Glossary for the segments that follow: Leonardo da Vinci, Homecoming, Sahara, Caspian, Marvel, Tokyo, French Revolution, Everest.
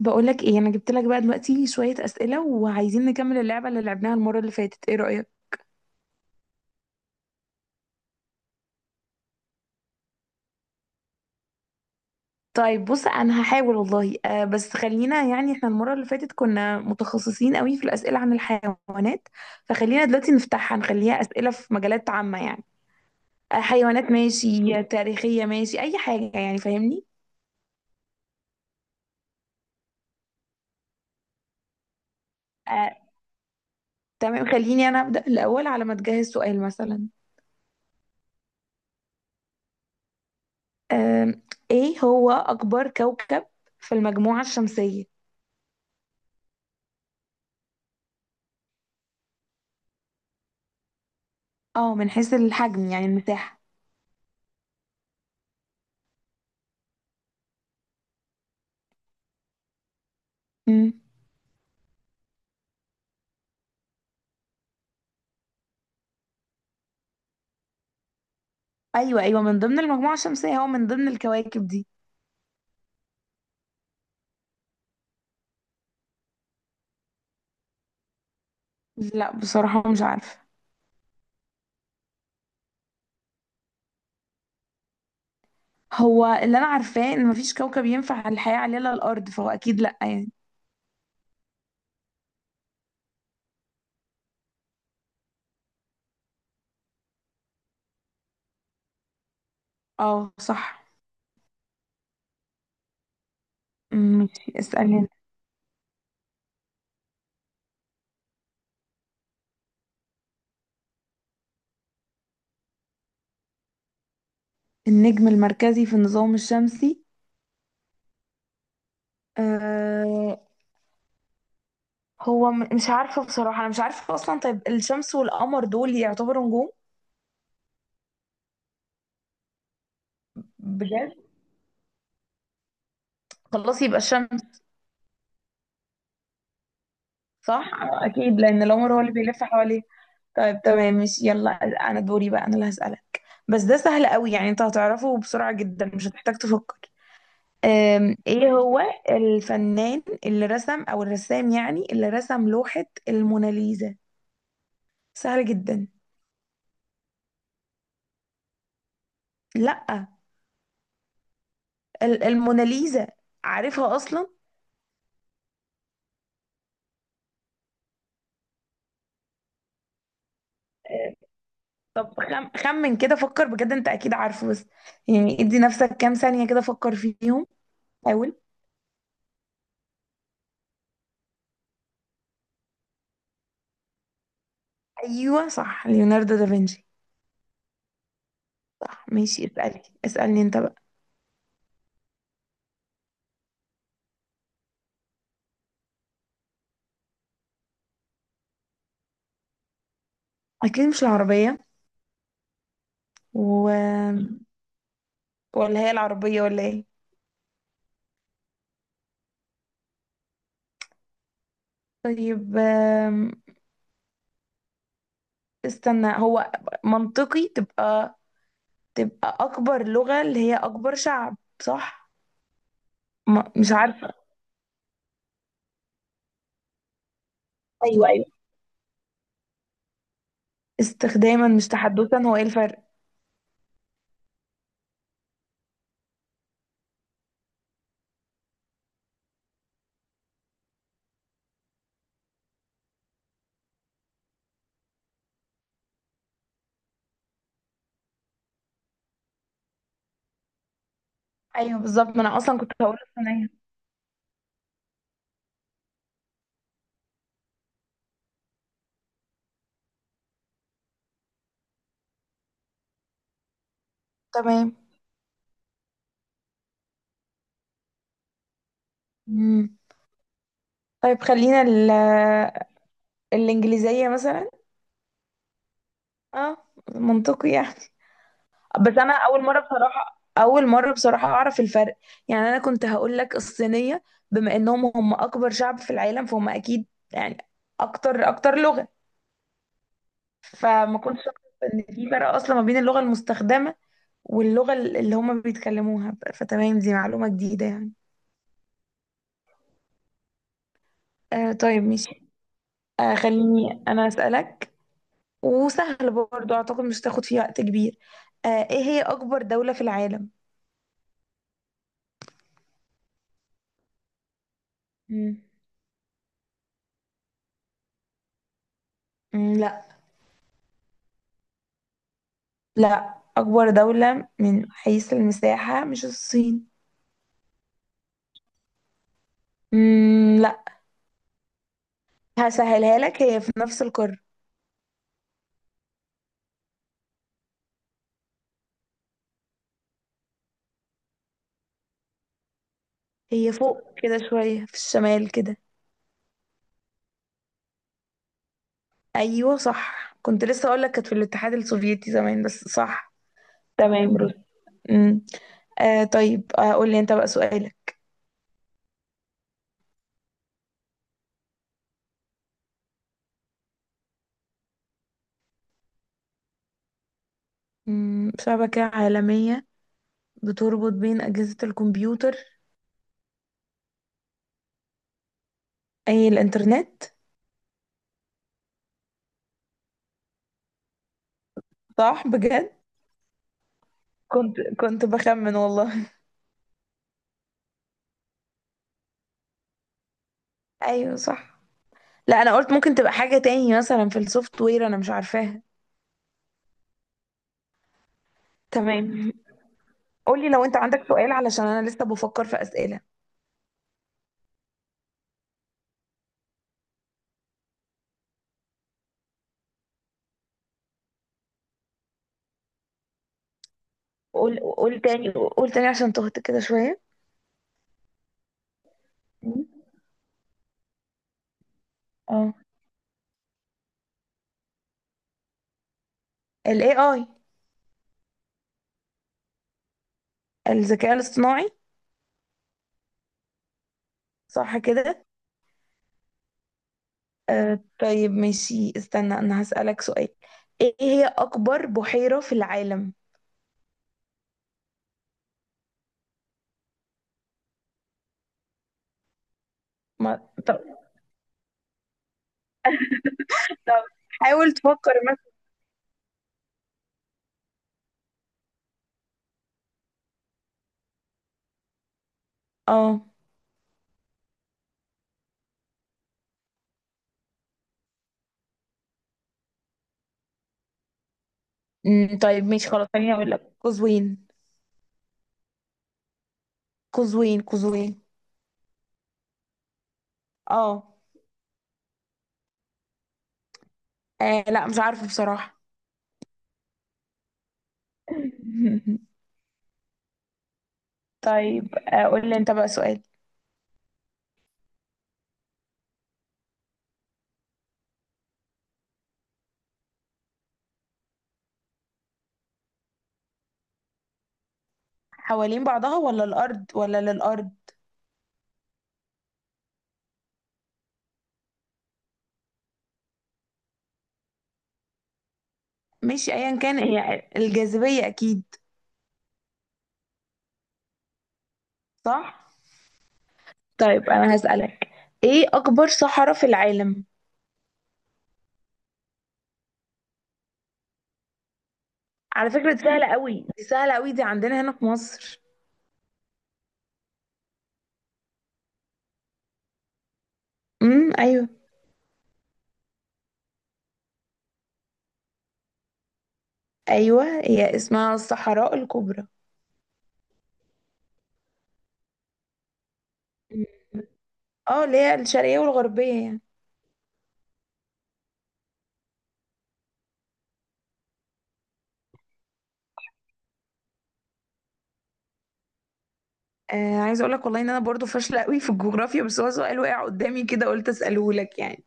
بقولك ايه انا جبت لك بقى دلوقتي شوية أسئلة وعايزين نكمل اللعبة اللي لعبناها المرة اللي فاتت، ايه رأيك؟ طيب بص انا هحاول والله. بس خلينا يعني احنا المرة اللي فاتت كنا متخصصين قوي في الأسئلة عن الحيوانات، فخلينا دلوقتي نفتحها نخليها أسئلة في مجالات عامة يعني. حيوانات ماشي، تاريخية ماشي، اي حاجة يعني فاهمني؟ آه تمام خليني انا أبدأ الأول على ما تجهز سؤال مثلا. آه ايه هو أكبر كوكب في المجموعة الشمسية؟ اه، من حيث الحجم يعني المساحة. مم. ايوه ايوه، من ضمن المجموعه الشمسيه، هو من ضمن الكواكب دي. لا بصراحه مش عارفه. هو اللي انا عارفاه ان مفيش كوكب ينفع الحياه عليه الا الارض، فهو اكيد لا يعني. اه صح. مم، ماشي اسالني انت. النجم المركزي في النظام الشمسي؟ آه هو مش عارفه بصراحه، انا مش عارفه اصلا. طيب الشمس والقمر دول يعتبروا نجوم؟ بجد؟ خلاص يبقى الشمس. صح، اكيد لان القمر هو اللي بيلف حواليه. طيب تمام ماشي يلا. انا دوري بقى، انا اللي هسألك. بس ده سهل قوي يعني، انت هتعرفه بسرعة جدا مش هتحتاج تفكر. ايه هو الفنان اللي رسم او الرسام يعني اللي رسم لوحة الموناليزا؟ سهل جدا. لا، الموناليزا عارفها اصلا. طب خمن كده فكر بجد، انت اكيد عارفه بس. يعني ادي نفسك كام ثانية كده فكر فيهم. حاول. ايوه صح، ليوناردو دافنشي. صح ماشي، اسألني انت بقى. اكيد مش العربية. و... ولا هي العربية ولا ايه؟ طيب استنى، هو منطقي تبقى أكبر لغة اللي هي أكبر شعب صح؟ مش عارفة. أيوه أيوه، استخداما مش تحدثا، هو ايه الفرق؟ أيوه بالظبط، ما أنا أصلا كنت هقول الصينية. تمام. مم. طيب خلينا الإنجليزية مثلا. اه منطقي يعني. بس انا اول مره بصراحه اعرف الفرق. يعني انا كنت هقول لك الصينيه، بما انهم هم اكبر شعب في العالم فهم اكيد يعني اكتر لغه. فما كنتش اعرف ان في فرق اصلا ما بين اللغه المستخدمه واللغه اللي هم بيتكلموها. فتمام، دي معلومه جديده يعني. طيب ماشي. خليني انا اسالك، وسهل برضو اعتقد مش تاخد فيه وقت كبير. ايه هي اكبر دوله في العالم؟ مم. مم، لا. لا، أكبر دولة من حيث المساحة مش الصين. مم لا. هسهلها لك، هي في نفس القارة. هي فوق كده شوية في الشمال كده. أيوة صح، كنت لسه أقول لك كانت في الاتحاد السوفيتي زمان بس صح. تمام روسيا. مم. طيب قول لي أنت بقى سؤالك. شبكة عالمية بتربط بين أجهزة الكمبيوتر. أي الإنترنت. صح بجد؟ كنت بخمن والله. أيوة صح. لا، انا قلت ممكن تبقى حاجة تاني مثلا في السوفت وير انا مش عارفاها. تمام. قولي لو انت عندك سؤال علشان انا لسه بفكر في اسئلة. قول تاني عشان تهت كده شوية. مم. اه، ال AI، الذكاء الاصطناعي. صح كده؟ طيب ماشي، استنى انا هسألك سؤال. ايه هي اكبر بحيرة في العالم؟ ما... طب، طب حاول تفكر مثلا. اه. طيب ماشي خلاص خليني اقول لك قزوين، قزوين قزوين. اه. لا مش عارفة بصراحة. طيب قول لي انت بقى سؤال. حوالين بعضها ولا الارض ولا للارض؟ ماشي ايا كان هي الجاذبية اكيد. صح. طيب انا هسألك، ايه اكبر صحراء في العالم؟ على فكرة دي سهلة قوي دي سهلة قوي، دي عندنا هنا في مصر. ايوه. ايوه هي اسمها الصحراء الكبرى. مم. اه، اللي هي الشرقية والغربية يعني. عايزة اقول لك والله ان انا برضو فاشلة قوي في الجغرافيا، بس هو سؤال وقع قدامي كده قلت اسأله لك يعني.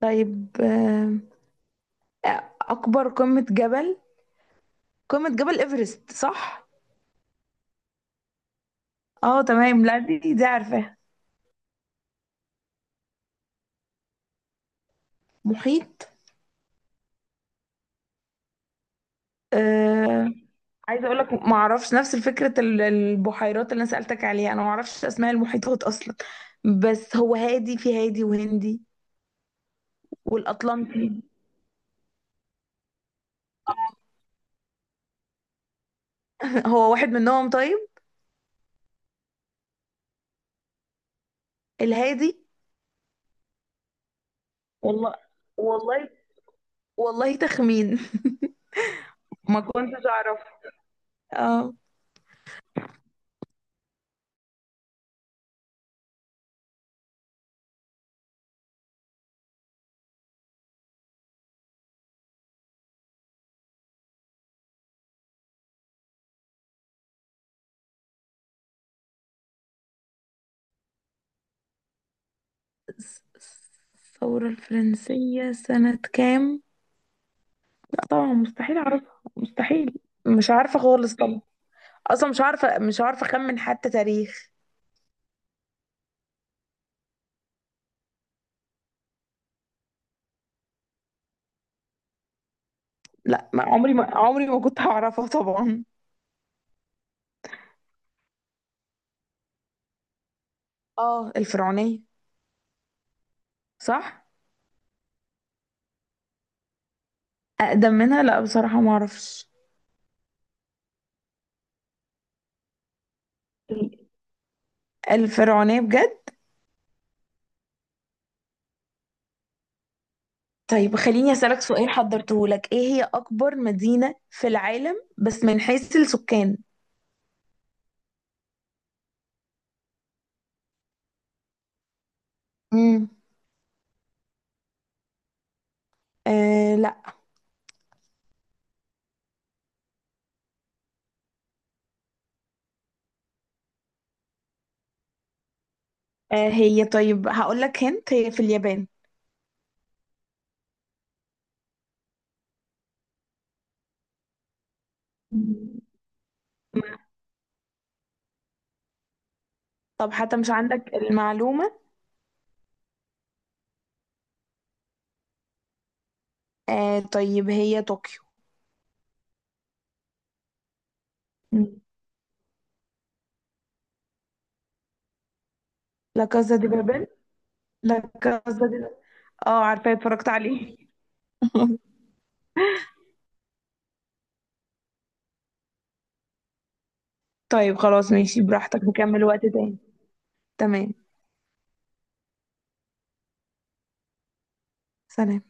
طيب اكبر قمة جبل، قمة جبل ايفرست صح؟ اه تمام، لا دي عارفاها. محيط؟ آه عايزه اقول لك ما اعرفش، نفس فكره البحيرات اللي انا سالتك عليها، انا ما اعرفش اسماء المحيطات اصلا. بس هو هادي، في هادي وهندي والاطلنطي. هو واحد منهم طيب. الهادي. والله، والله، والله تخمين. ما كنتش اعرف. اه الثوره الفرنسيه سنه كام؟ طبعا مستحيل اعرفها، مستحيل. مش عارفه خالص طبعا. اصلا مش عارفه، مش عارفه اخمن حتى تاريخ. لا، ما عمري ما كنت هعرفها طبعا. اه الفرعونيه صح. اقدم منها لا بصراحه ما اعرفش. الفرعونيه بجد. طيب خليني اسالك سؤال حضرته لك، ايه هي اكبر مدينه في العالم بس من حيث السكان؟ امم آه لا. هي، طيب هقول لك هنت، هي في اليابان. مم. طب حتى مش عندك المعلومه؟ طيب هي طوكيو. مم. لا، كازا دي بابل؟ لا، كازا دي بابل. اه عارفة، اتفرجت عليه. طيب خلاص ماشي براحتك، نكمل وقت تاني. تمام، سلام.